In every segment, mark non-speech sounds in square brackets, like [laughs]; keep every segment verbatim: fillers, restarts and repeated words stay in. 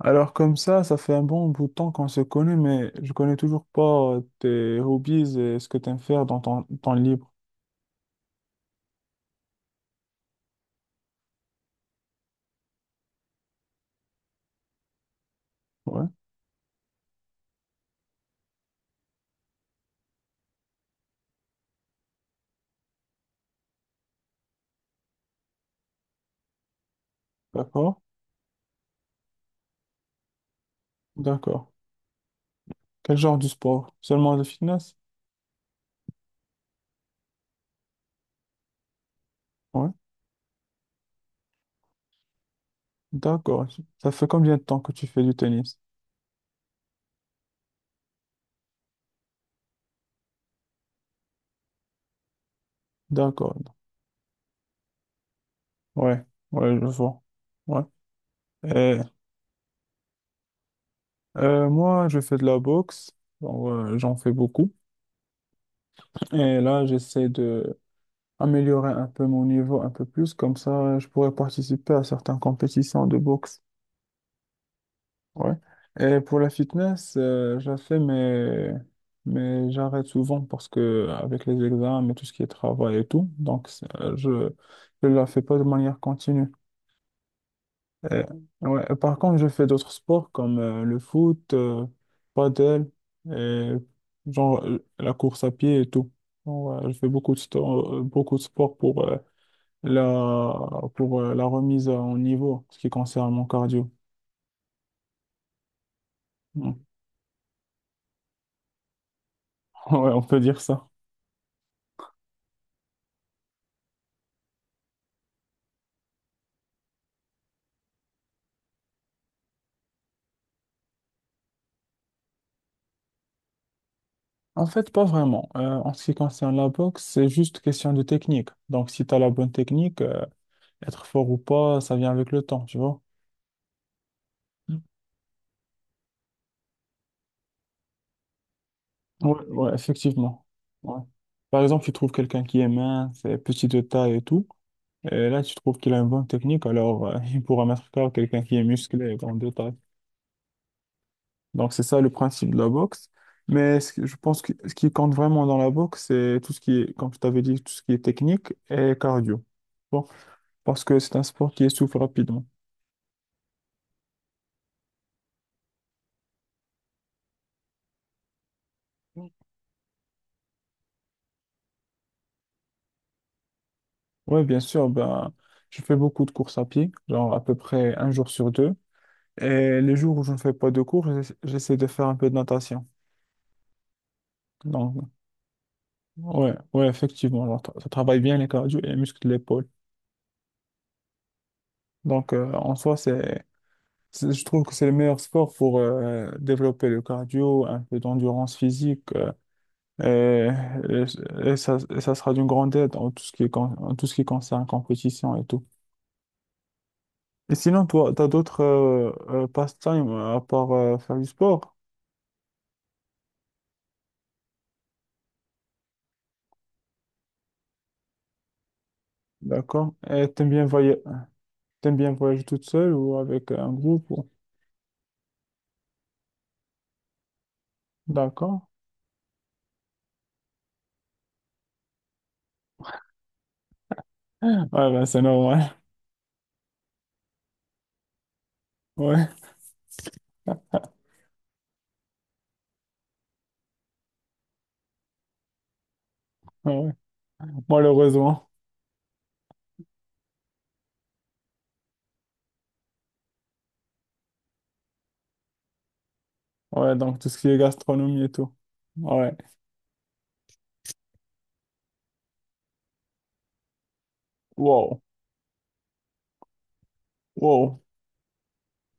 Alors comme ça, ça fait un bon bout de temps qu'on se connaît, mais je connais toujours pas euh, tes hobbies et ce que tu aimes faire dans ton temps libre. Ouais, d'accord, d'accord. Quel genre de sport? Seulement le fitness? Ouais, d'accord. Ça fait combien de temps que tu fais du tennis? D'accord. Ouais, ouais, je vois. Ouais. Et, euh, Moi, je fais de la boxe. Genre, euh, j'en fais beaucoup. Et là, j'essaie de améliorer un peu mon niveau un peu plus. Comme ça, je pourrais participer à certaines compétitions de boxe. Ouais. Et pour la fitness, euh, je la fais, mais, mais j'arrête souvent parce que avec les examens et tout ce qui est travail et tout, donc c'est- euh, je ne la fais pas de manière continue. Et- ouais. Et par contre, je fais d'autres sports comme euh, le foot, euh, padel, et genre euh, la course à pied et tout. Ouais, je fais beaucoup de, sto- euh, beaucoup de sports pour, euh, la, pour euh, la remise en niveau, ce qui concerne mon cardio. Mm. [laughs] Ouais, on peut dire ça. En fait, pas vraiment. Euh, en ce qui concerne la boxe, c'est juste question de technique. Donc, si tu as la bonne technique, euh, être fort ou pas, ça vient avec le temps, tu vois. Ouais, ouais, effectivement. Ouais. Par exemple, tu trouves quelqu'un qui est mince, et petit de taille et tout. Et là, tu trouves qu'il a une bonne technique, alors euh, [laughs] il pourra mettre K O quelqu'un qui est musclé et grand de taille. Donc, c'est ça le principe de la boxe. Mais ce que- je pense que ce qui compte vraiment dans la boxe, c'est tout ce qui est, comme je t'avais dit, tout ce qui est technique et cardio. Parce que c'est un sport qui essouffle rapidement. Oui, bien sûr, ben, je fais beaucoup de courses à pied, genre à peu près un jour sur deux. Et les jours où je ne fais pas de cours, j'essa- j'essaie de faire un peu de natation. Donc, ouais, ouais, effectivement, alors, tra- ça travaille bien les cardio et les muscles de l'épaule. Donc, euh, en soi, c'est, c'est- je trouve que c'est le meilleur sport pour euh, développer le cardio, un peu d'endurance physique, euh, et, et- et ça, et ça sera d'une grande aide en tout ce qui est con- en tout ce qui concerne compétition et tout. Et sinon, toi, t'as d'autres euh, euh, passe-temps à part euh, faire du sport, d'accord? Et t'aimes bien voyager, t'aimes bien voyager toute seule ou avec un groupe, ou- d'accord? Ouais, ben c'est normal, [laughs] ouais, ouais, malheureusement. Ouais, donc tout ce qui est gastronomie et tout. Ouais, wow, wow.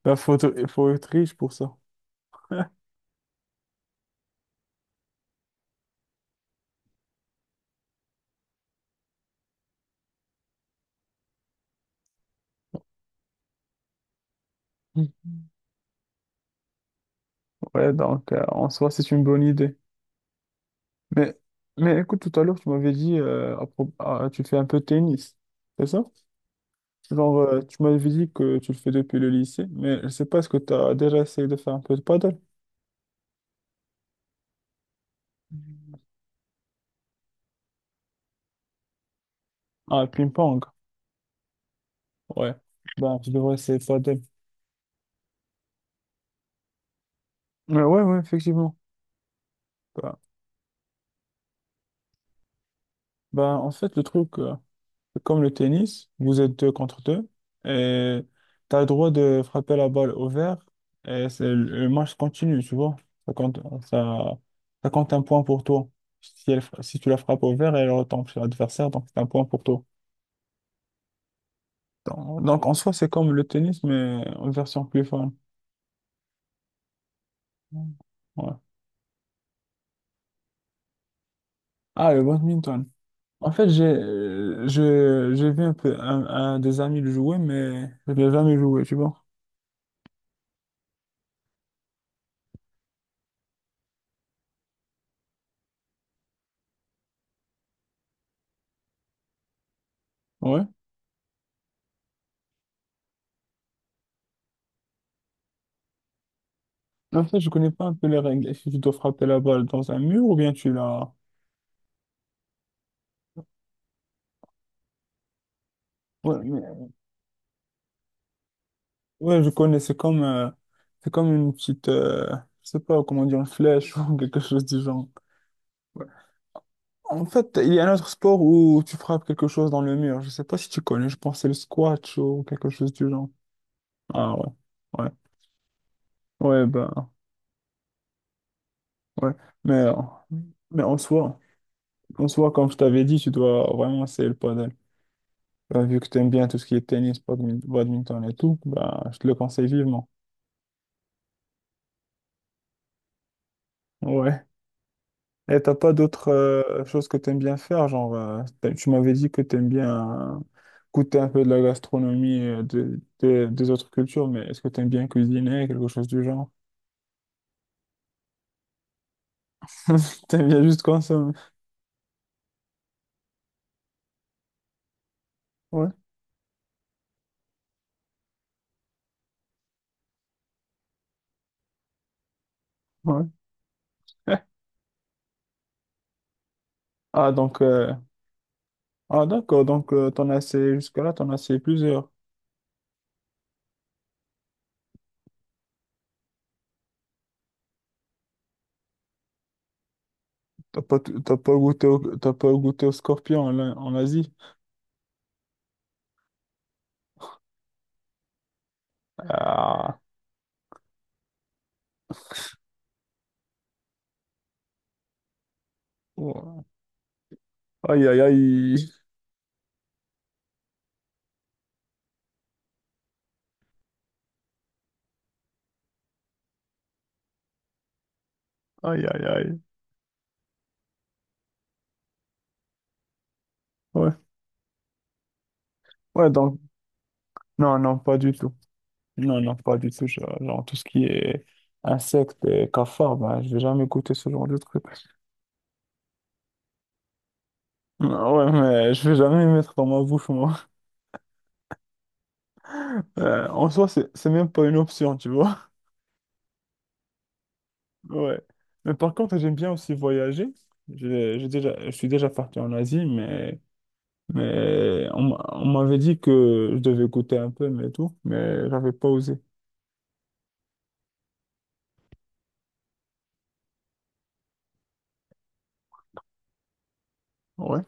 Ben, faut, te- il faut être riche pour ça. [laughs] Ouais, donc euh, en soi, c'est une bonne idée. Mais, mais écoute, tout à l'heure, tu m'avais dit, euh, à pro- ah, tu fais un peu de tennis, c'est ça? Genre, euh, tu m'avais dit que tu le fais depuis le lycée, mais je sais pas, est-ce que tu as déjà essayé de faire un peu de paddle? Ah, ping-pong, ouais. Ben, je devrais essayer de paddle. Ouais, ouais, ouais, effectivement. Ben, ben, en fait, le truc, euh, c'est comme le tennis, vous êtes deux contre deux, et tu as le droit de frapper la balle au vert, et c'est, le match continue, tu vois. Ça compte, ça, ça compte un point pour toi. Si, elle fra- si tu la frappes au vert, elle retombe sur l'adversaire, donc c'est un point pour toi. Donc, donc, en soi, c'est comme le tennis, mais en version plus fun. Ouais. Ah, le badminton. En fait, j'ai euh, je- j'ai vu un peu un, un des amis le jouer, mais je n'ai jamais joué, tu vois. Ouais. En fait, je connais pas un peu les règles. Est-ce que tu dois frapper la balle dans un mur ou bien tu la... Ouais, mais- ouais, je connais. C'est comme, euh, c'est comme une petite... euh, je sais pas comment dire, une flèche [laughs] ou quelque chose du genre. En fait, il y a un autre sport où tu frappes quelque chose dans le mur. Je sais pas si tu connais, je pense que c'est le squat ou quelque chose du genre. Ah ouais, ouais, ouais, bah, ouais. Mais, euh, mais en soi, en soi, comme je t'avais dit, tu dois vraiment essayer le paddle. Bah, vu que tu aimes bien tout ce qui est tennis, badmin- badminton et tout, bah, je te le conseille vivement. Ouais. Et t'as pas d'autres euh, choses que t'aimes bien faire, genre euh, t'as- tu m'avais dit que t'aimes bien euh, goûter un peu de la gastronomie euh, de, de- des autres cultures, mais est-ce que t'aimes bien cuisiner, quelque chose du genre? [laughs] T'aimes bien juste consommer. Ouais, ouais. [laughs] Ah donc euh, ah d'accord, donc euh, t'en as essayé jusque-là, t'en as essayé plusieurs. T'as pas t- t'as pas goûté au, t'as pas goûté au scorpion en, en Asie. Ah. Ouais. Aïe aïe aïe. Aïe aïe aïe. Ouais. Ouais donc non non pas du tout. Non, non, pas du tout. Genre, genre, tout ce qui est insectes et cafards, ben, je vais jamais goûter ce genre de truc. Ah ouais, mais je vais jamais les mettre dans ma bouche, moi. Euh, en soi, c'est, c'est même pas une option, tu vois. [laughs] Ouais. Mais par contre, j'aime bien aussi voyager. J'ai, j'ai déjà, je suis déjà parti en Asie, mais, mais on, m'a- on m'avait dit que je devais goûter un peu, mais tout, mais j'avais pas osé. Ouais,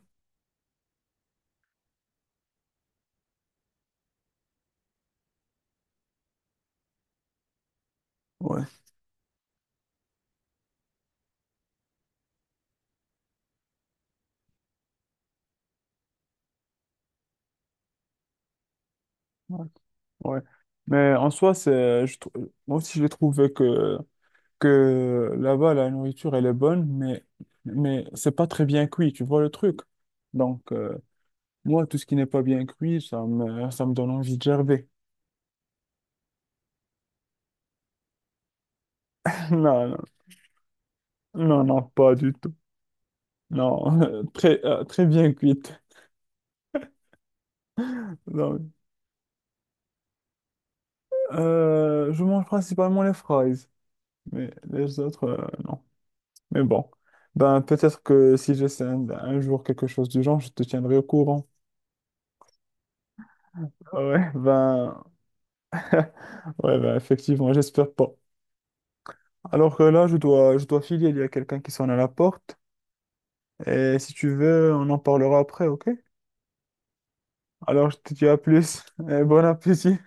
ouais, ouais. Ouais. Mais en soi, c'est, je trou- moi aussi, j'ai trouvé que. Que là-bas, la nourriture, elle est bonne, mais, mais c'est pas très bien cuit, tu vois le truc. Donc, euh, moi, tout ce qui n'est pas bien cuit, ça me, ça me donne envie de gerber. [laughs] Non, non, non, non, pas du tout. Non, [laughs] très, euh, très bien cuite. Non. Euh, je mange principalement les fries, mais les autres, euh, non. Mais bon, ben, peut-être que si j'essaie un, un jour quelque chose du genre, je te tiendrai au courant. Ouais, ben, ouais, ben, effectivement, j'espère pas. Alors que là, je dois, je dois filer, il y a quelqu'un qui sonne à la porte. Et si tu veux, on en parlera après, ok? Alors, je te dis à plus [laughs] et bon appétit.